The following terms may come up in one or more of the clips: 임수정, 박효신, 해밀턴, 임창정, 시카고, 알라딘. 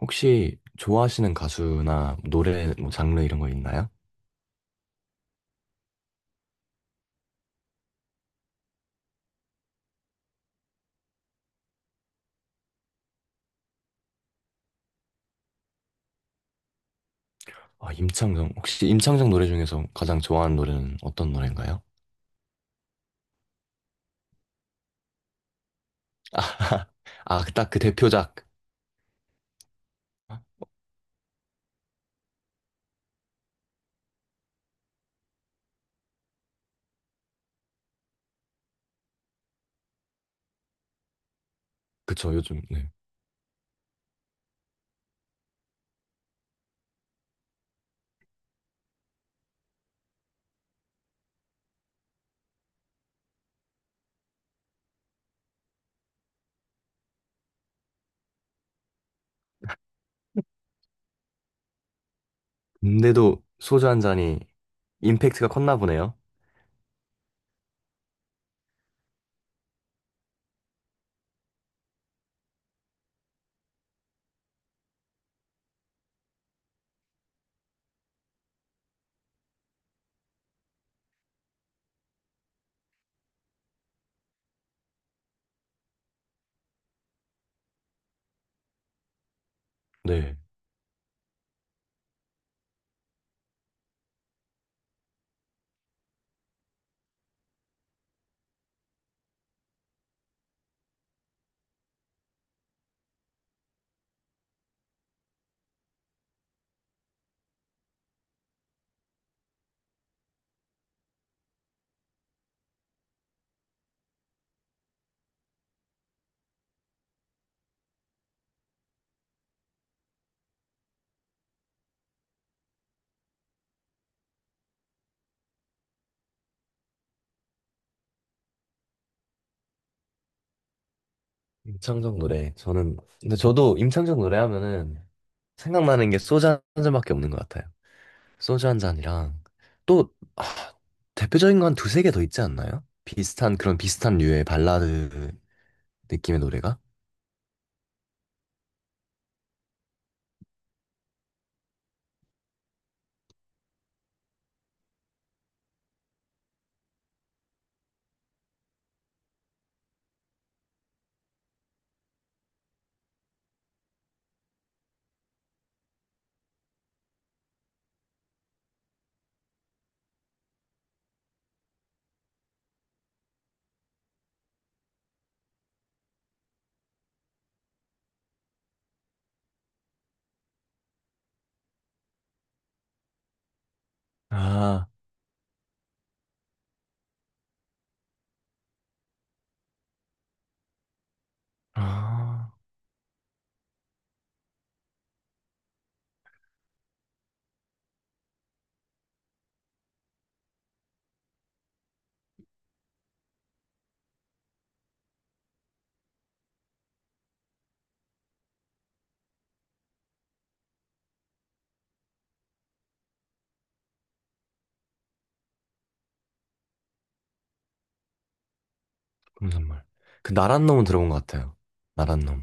혹시 좋아하시는 가수나 노래 뭐 장르 이런 거 있나요? 아, 임창정. 혹시 임창정 노래 중에서 가장 좋아하는 노래는 어떤 노래인가요? 아, 아, 딱 그 대표작. 그쵸, 요즘. 네. 근데도 소주 한 잔이 임팩트가 컸나 보네요. 네. 임창정 노래. 저는 근데 저도 임창정 노래 하면은 생각나는 게 소주 한 잔밖에 없는 것 같아요. 소주 한 잔이랑 또 아, 대표적인 건 두세 개 더 있지 않나요? 비슷한 그런 비슷한 류의 발라드 느낌의 노래가? 아, 아, 검정말. 그 나란 놈은 들어본 것 같아요. 나란 놈.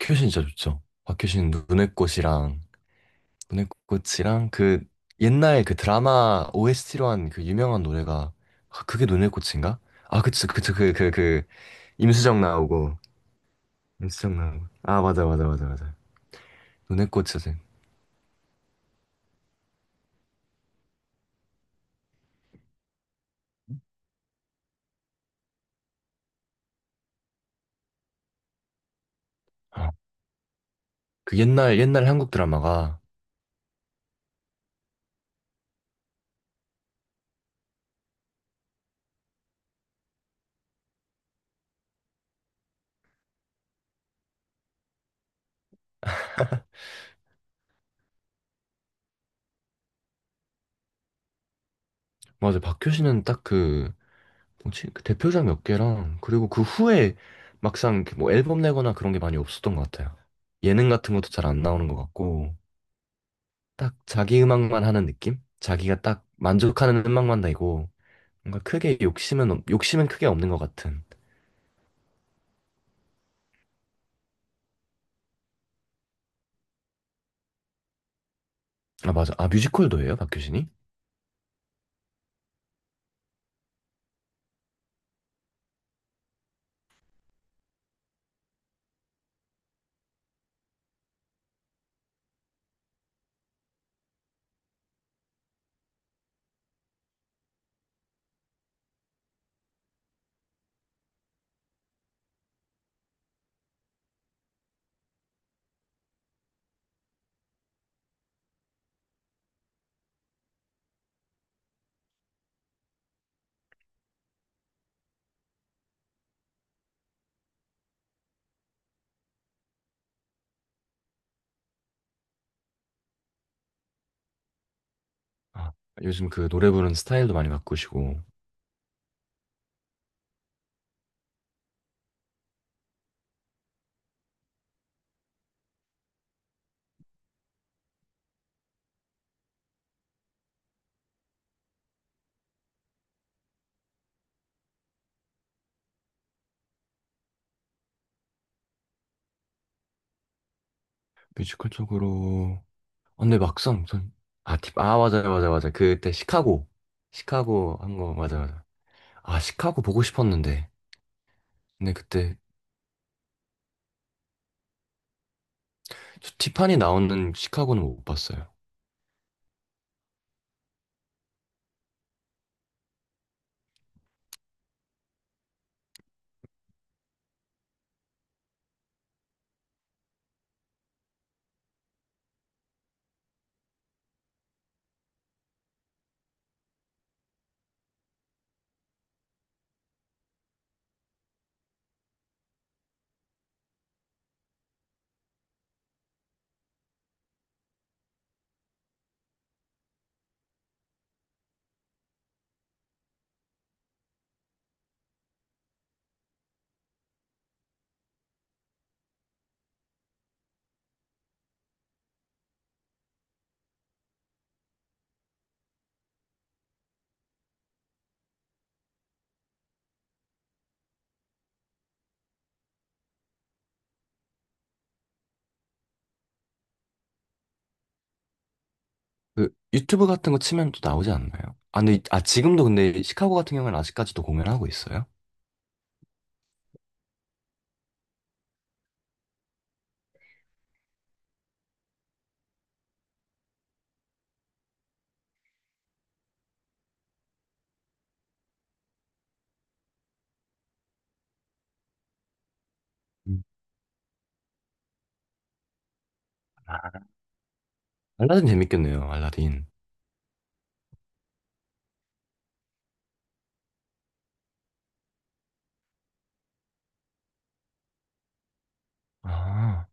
박효신 진짜 좋죠. 박효신 눈의 꽃이랑 눈의 꽃이랑 그 옛날 그 드라마 OST로 한 그 유명한 노래가 아, 그게 눈의 꽃인가? 아, 그치, 그치, 그, 그, 그 임수정 나오고 임수정 나오고, 아, 맞아 맞아 맞아 맞아. 눈의 꽃사진 아, 그 옛날 옛날 한국 드라마가 맞아. 박효신은 딱 그 뭐지 그 대표작 몇 개랑 그리고 그 후에 막상 이렇게 뭐 앨범 내거나 그런 게 많이 없었던 것 같아요. 예능 같은 것도 잘 안 나오는 것 같고 딱 자기 음악만 하는 느낌, 자기가 딱 만족하는 음악만 내고 뭔가 크게 욕심은 크게 없는 것 같은. 아, 맞아. 아, 뮤지컬도 해요, 박효신이. 아, 요즘 그 노래 부르는 스타일도 많이 바꾸시고. 뮤지컬 쪽으로. 아, 근데 막상 전, 아, 팁, 아, 맞아요, 맞아요, 맞아요. 그때 시카고. 시카고 한 거, 맞아요, 맞아요. 아, 시카고 보고 싶었는데. 근데 그때, 저 티파니 나오는 시카고는 못 봤어요. 그, 유튜브 같은 거 치면 또 나오지 않나요? 아, 근데, 아, 지금도 근데 시카고 같은 경우는 아직까지도 공연하고 있어요? 음. 아, 알라딘 재밌겠네요, 알라딘. 아,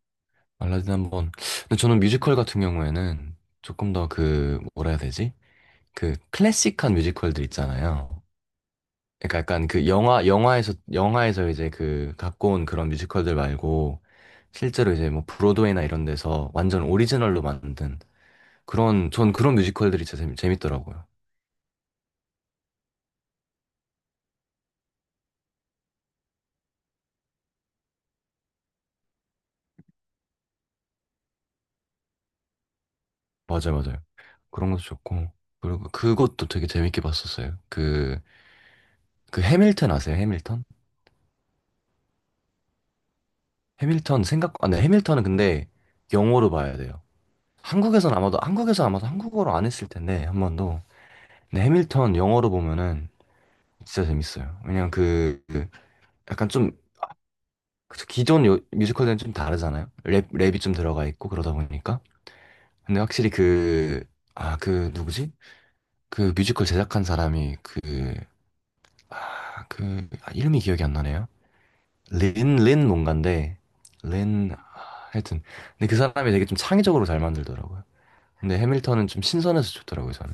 알라딘 한번. 근데 저는 뮤지컬 같은 경우에는 조금 더 그, 뭐라 해야 되지? 그 클래식한 뮤지컬들 있잖아요. 그러니까 약간 그 영화에서 영화에서 이제 그 갖고 온 그런 뮤지컬들 말고 실제로 이제 뭐 브로드웨이나 이런 데서 완전 오리지널로 만든 그런 전 그런 뮤지컬들이 진짜 재밌더라고요. 맞아요, 맞아요. 그런 것도 좋고 그리고 그것도 되게 재밌게 봤었어요. 그 해밀턴 아세요? 해밀턴? 해밀턴 생각, 아, 네, 해밀턴은 근데 영어로 봐야 돼요. 한국에서는 아마도, 한국에서 아마도 한국어로 안 했을 텐데 한 번도. 근데 해밀턴 영어로 보면은 진짜 재밌어요. 왜냐면 그 약간 좀 그쵸, 뮤지컬들은 좀 다르잖아요. 랩이 좀 들어가 있고 그러다 보니까. 근데 확실히 그, 아, 그 누구지? 그 뮤지컬 제작한 사람이 그, 아, 그, 아, 이름이 기억이 안 나네요. 린, 린 뭔가인데, 린, 아, 하여튼. 근데 그 사람이 되게 좀 창의적으로 잘 만들더라고요. 근데 해밀턴은 좀 신선해서 좋더라고요, 저는.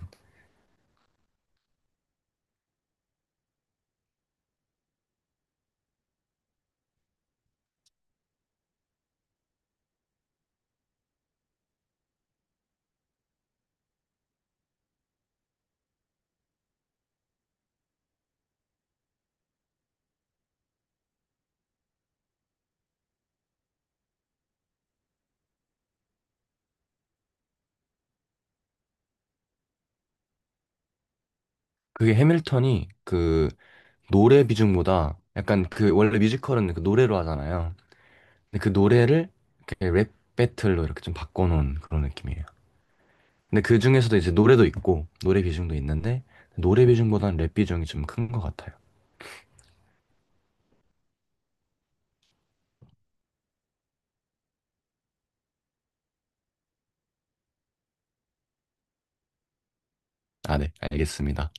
그게 해밀턴이 그 노래 비중보다 약간 그 원래 뮤지컬은 그 노래로 하잖아요. 근데 그 노래를 이렇게 랩 배틀로 이렇게 좀 바꿔놓은 그런 느낌이에요. 근데 그 중에서도 이제 노래도 있고 노래 비중도 있는데 노래 비중보다는 랩 비중이 좀 큰 것 같아요. 아, 네, 알겠습니다.